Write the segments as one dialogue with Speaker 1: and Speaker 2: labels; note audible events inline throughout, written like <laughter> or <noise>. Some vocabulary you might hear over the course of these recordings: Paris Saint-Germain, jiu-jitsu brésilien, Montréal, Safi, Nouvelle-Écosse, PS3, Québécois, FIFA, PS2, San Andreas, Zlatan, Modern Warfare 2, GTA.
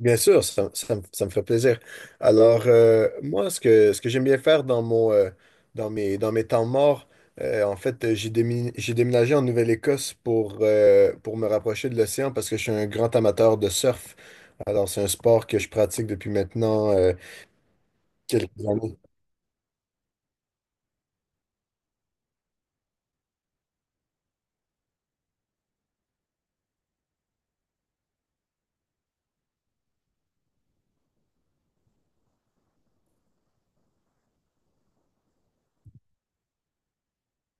Speaker 1: Bien sûr, ça me ferait plaisir. Alors, moi, ce que j'aime bien faire dans dans mes temps morts, en fait, j'ai déménagé en Nouvelle-Écosse pour me rapprocher de l'océan parce que je suis un grand amateur de surf. Alors, c'est un sport que je pratique depuis maintenant quelques années.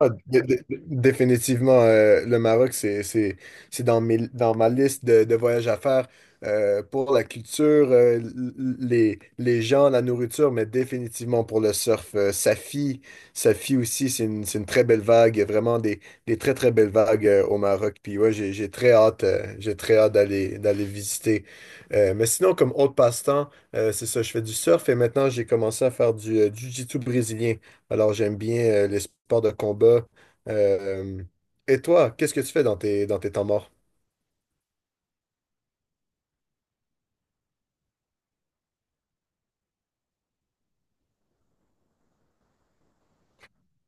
Speaker 1: Ah, dé- dé- Définitivement, le Maroc, c'est dans dans ma liste de voyages à faire pour la culture, les gens, la nourriture, mais définitivement pour le surf. Safi, Safi aussi, c'est une très belle vague. Il y a vraiment des très très belles vagues au Maroc. Puis ouais, j'ai très hâte d'aller visiter. Mais sinon, comme autre passe-temps, c'est ça, je fais du surf et maintenant j'ai commencé à faire du jiu-jitsu brésilien. Alors, j'aime bien les sports de combat. Euh, et toi, qu'est-ce que tu fais dans dans tes temps morts?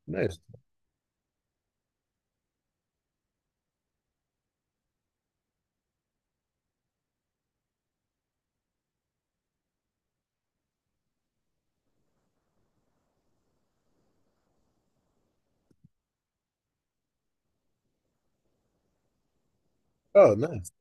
Speaker 1: Nice. Ah, nice.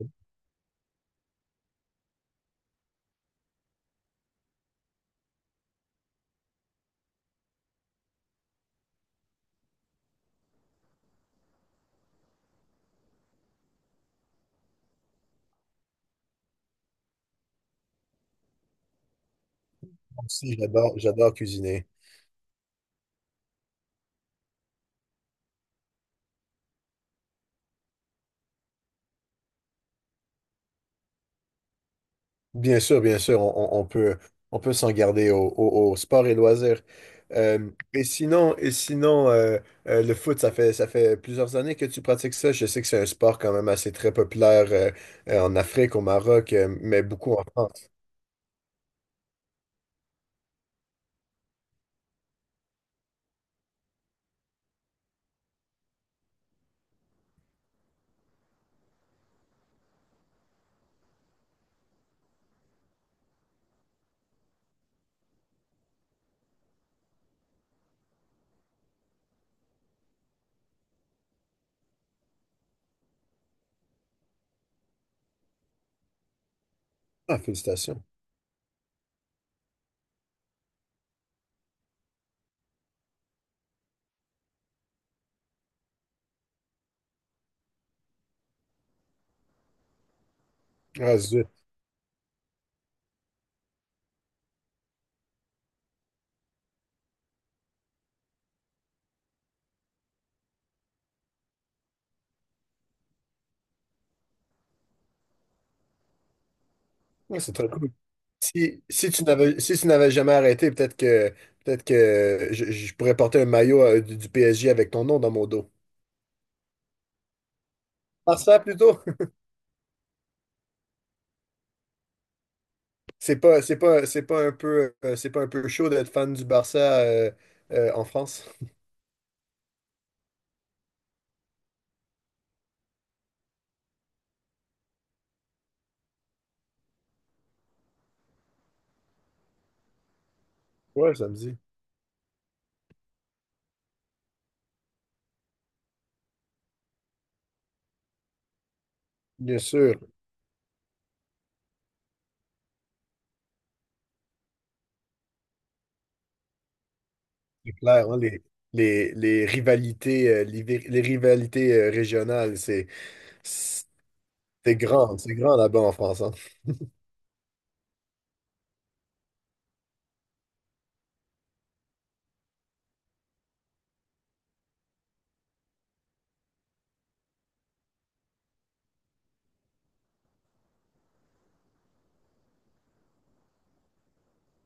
Speaker 1: Moi aussi, j'adore cuisiner. Bien sûr, on peut s'en garder au sport et loisirs. Et sinon le foot, ça fait plusieurs années que tu pratiques ça. Je sais que c'est un sport quand même assez très populaire en Afrique, au Maroc, mais beaucoup en France. Ah, félicitations. Ah, zut. Ouais, c'est très cool. Si tu n'avais jamais arrêté, peut-être que je pourrais porter un maillot du PSG avec ton nom dans mon dos. Barça plutôt. <laughs> C'est pas un peu c'est pas un peu chaud d'être fan du Barça en France. <laughs> Ouais, ça me dit. Bien sûr, c'est clair, hein, les rivalités les rivalités régionales, c'est grand, c'est grand là-bas en France, hein.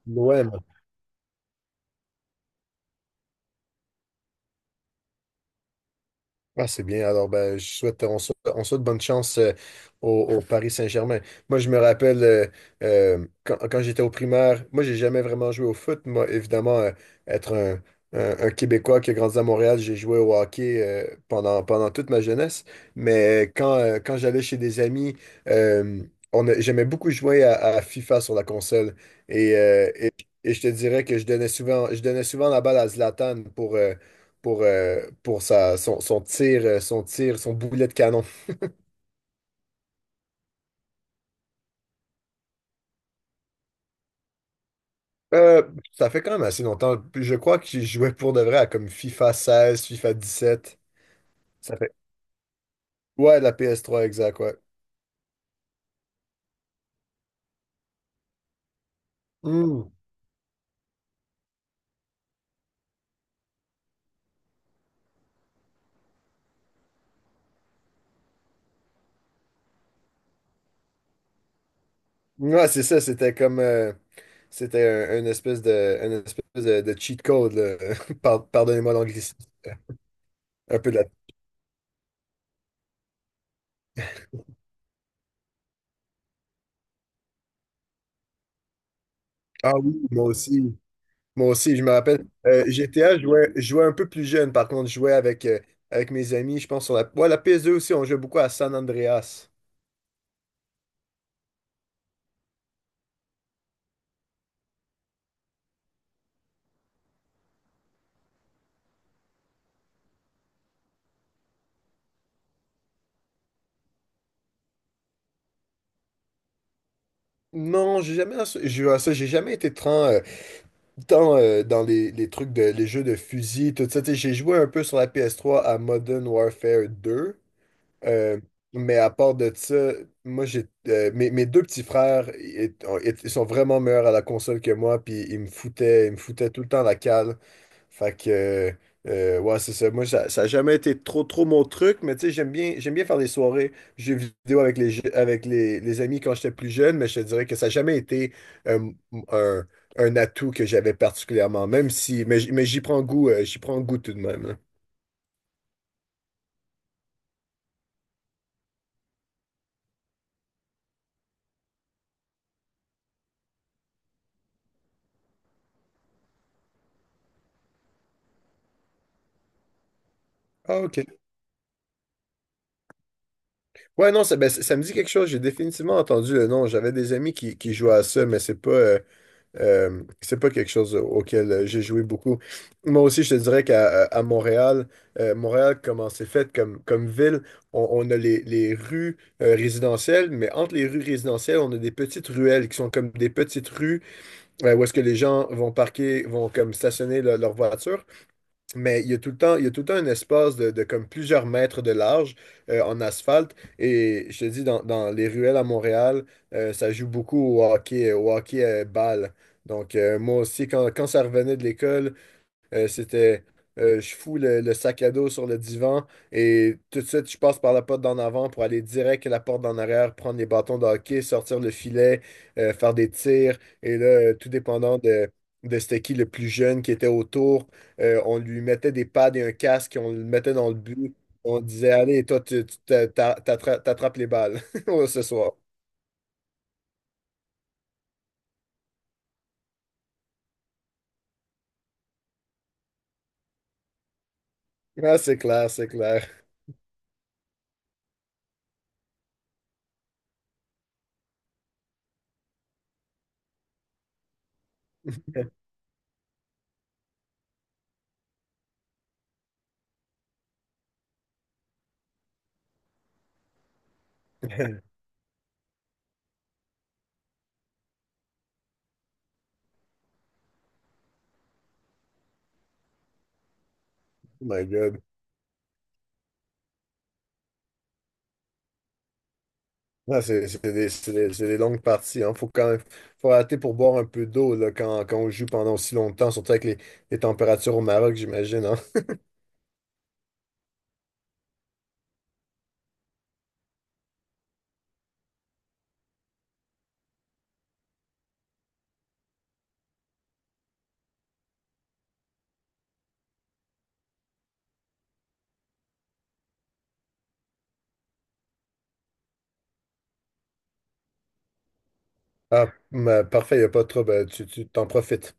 Speaker 1: L'OM. Ah, c'est bien. Alors, ben, je souhaite, on souhaite, on souhaite bonne chance au Paris Saint-Germain. Moi, je me rappelle quand j'étais au primaire, moi, j'ai jamais vraiment joué au foot. Moi, évidemment, être un, un Québécois qui a grandi à Montréal, j'ai joué au hockey pendant toute ma jeunesse. Mais quand j'allais chez des amis, euh, j'aimais beaucoup jouer à FIFA sur la console. Et, et je te dirais que je donnais souvent la balle à Zlatan pour son tir, son boulet de canon. Euh, Ça fait quand même assez longtemps. Je crois que j'y jouais pour de vrai à comme FIFA 16 FIFA 17. Ça fait. Ouais, la PS trois exact, ouais. Hmm. Ouais, c'est ça, c'était comme. C'était une espèce de cheat code, là. <laughs> Pardonnez-moi l'anglicisme. Un peu de la. Ah oui, moi aussi. Moi aussi, je me rappelle. GTA, je jouais un peu plus jeune, par contre, avec mes amis, je pense, sur la, ouais, la PS2 aussi, on jouait beaucoup à San Andreas. Non, j'ai jamais joué à ça, j'ai jamais été tant, dans les jeux de fusil, tout ça. Tu sais, j'ai joué un peu sur la PS3 à Modern Warfare 2, euh, mais à part de ça, moi, mes deux petits frères, ils sont vraiment meilleurs à la console que moi, puis ils me foutaient tout le temps la cale. Fait que, ouais, c'est ça. Moi, ça a jamais été trop, trop mon truc, mais tu sais, j'aime bien faire des soirées jeux vidéo avec les, je- avec les amis quand j'étais plus jeune, mais je te dirais que ça n'a jamais été euh, un, un atout que j'avais particulièrement, même si, mais j'y prends goût tout de même, là. Ah, ok. Ouais, non, ça, ben, ça me dit quelque chose. J'ai définitivement entendu le nom. J'avais des amis qui jouaient à ça, mais c'est pas quelque chose auquel j'ai joué beaucoup. Moi aussi, je te dirais qu'à à Montréal, comment c'est fait comme ville, on a les rues résidentielles, mais entre les rues résidentielles, on a des petites ruelles qui sont comme des petites rues où est-ce que les gens vont parquer, vont comme stationner leur voiture. Mais il y a tout le temps un espace de comme plusieurs mètres de large en asphalte. Et je te dis, dans les ruelles à Montréal, ça joue beaucoup au hockey balle. Donc, moi aussi, quand ça revenait de l'école, euh, c'était, je fous le sac à dos sur le divan et tout de suite, je passe par la porte d'en avant pour aller direct à la porte d'en arrière, prendre les bâtons de hockey, sortir le filet, faire des tirs. Et là, tout dépendant de c'était qui le plus jeune qui était autour, on lui mettait des pads et un casque, on le mettait dans le but. On disait, allez, toi, tu t'a- t'a- t'attra- t'attrapes les balles <laughs> ce soir. Ah, c'est clair, c'est clair. <laughs> Oh my God. Ouais, c'est des longues parties. Hein. Faut arrêter pour boire un peu d'eau là, quand on joue pendant aussi longtemps, surtout avec les températures au Maroc, j'imagine, hein. Ah, mais parfait, il a pas de trouble. Tu t'en profites.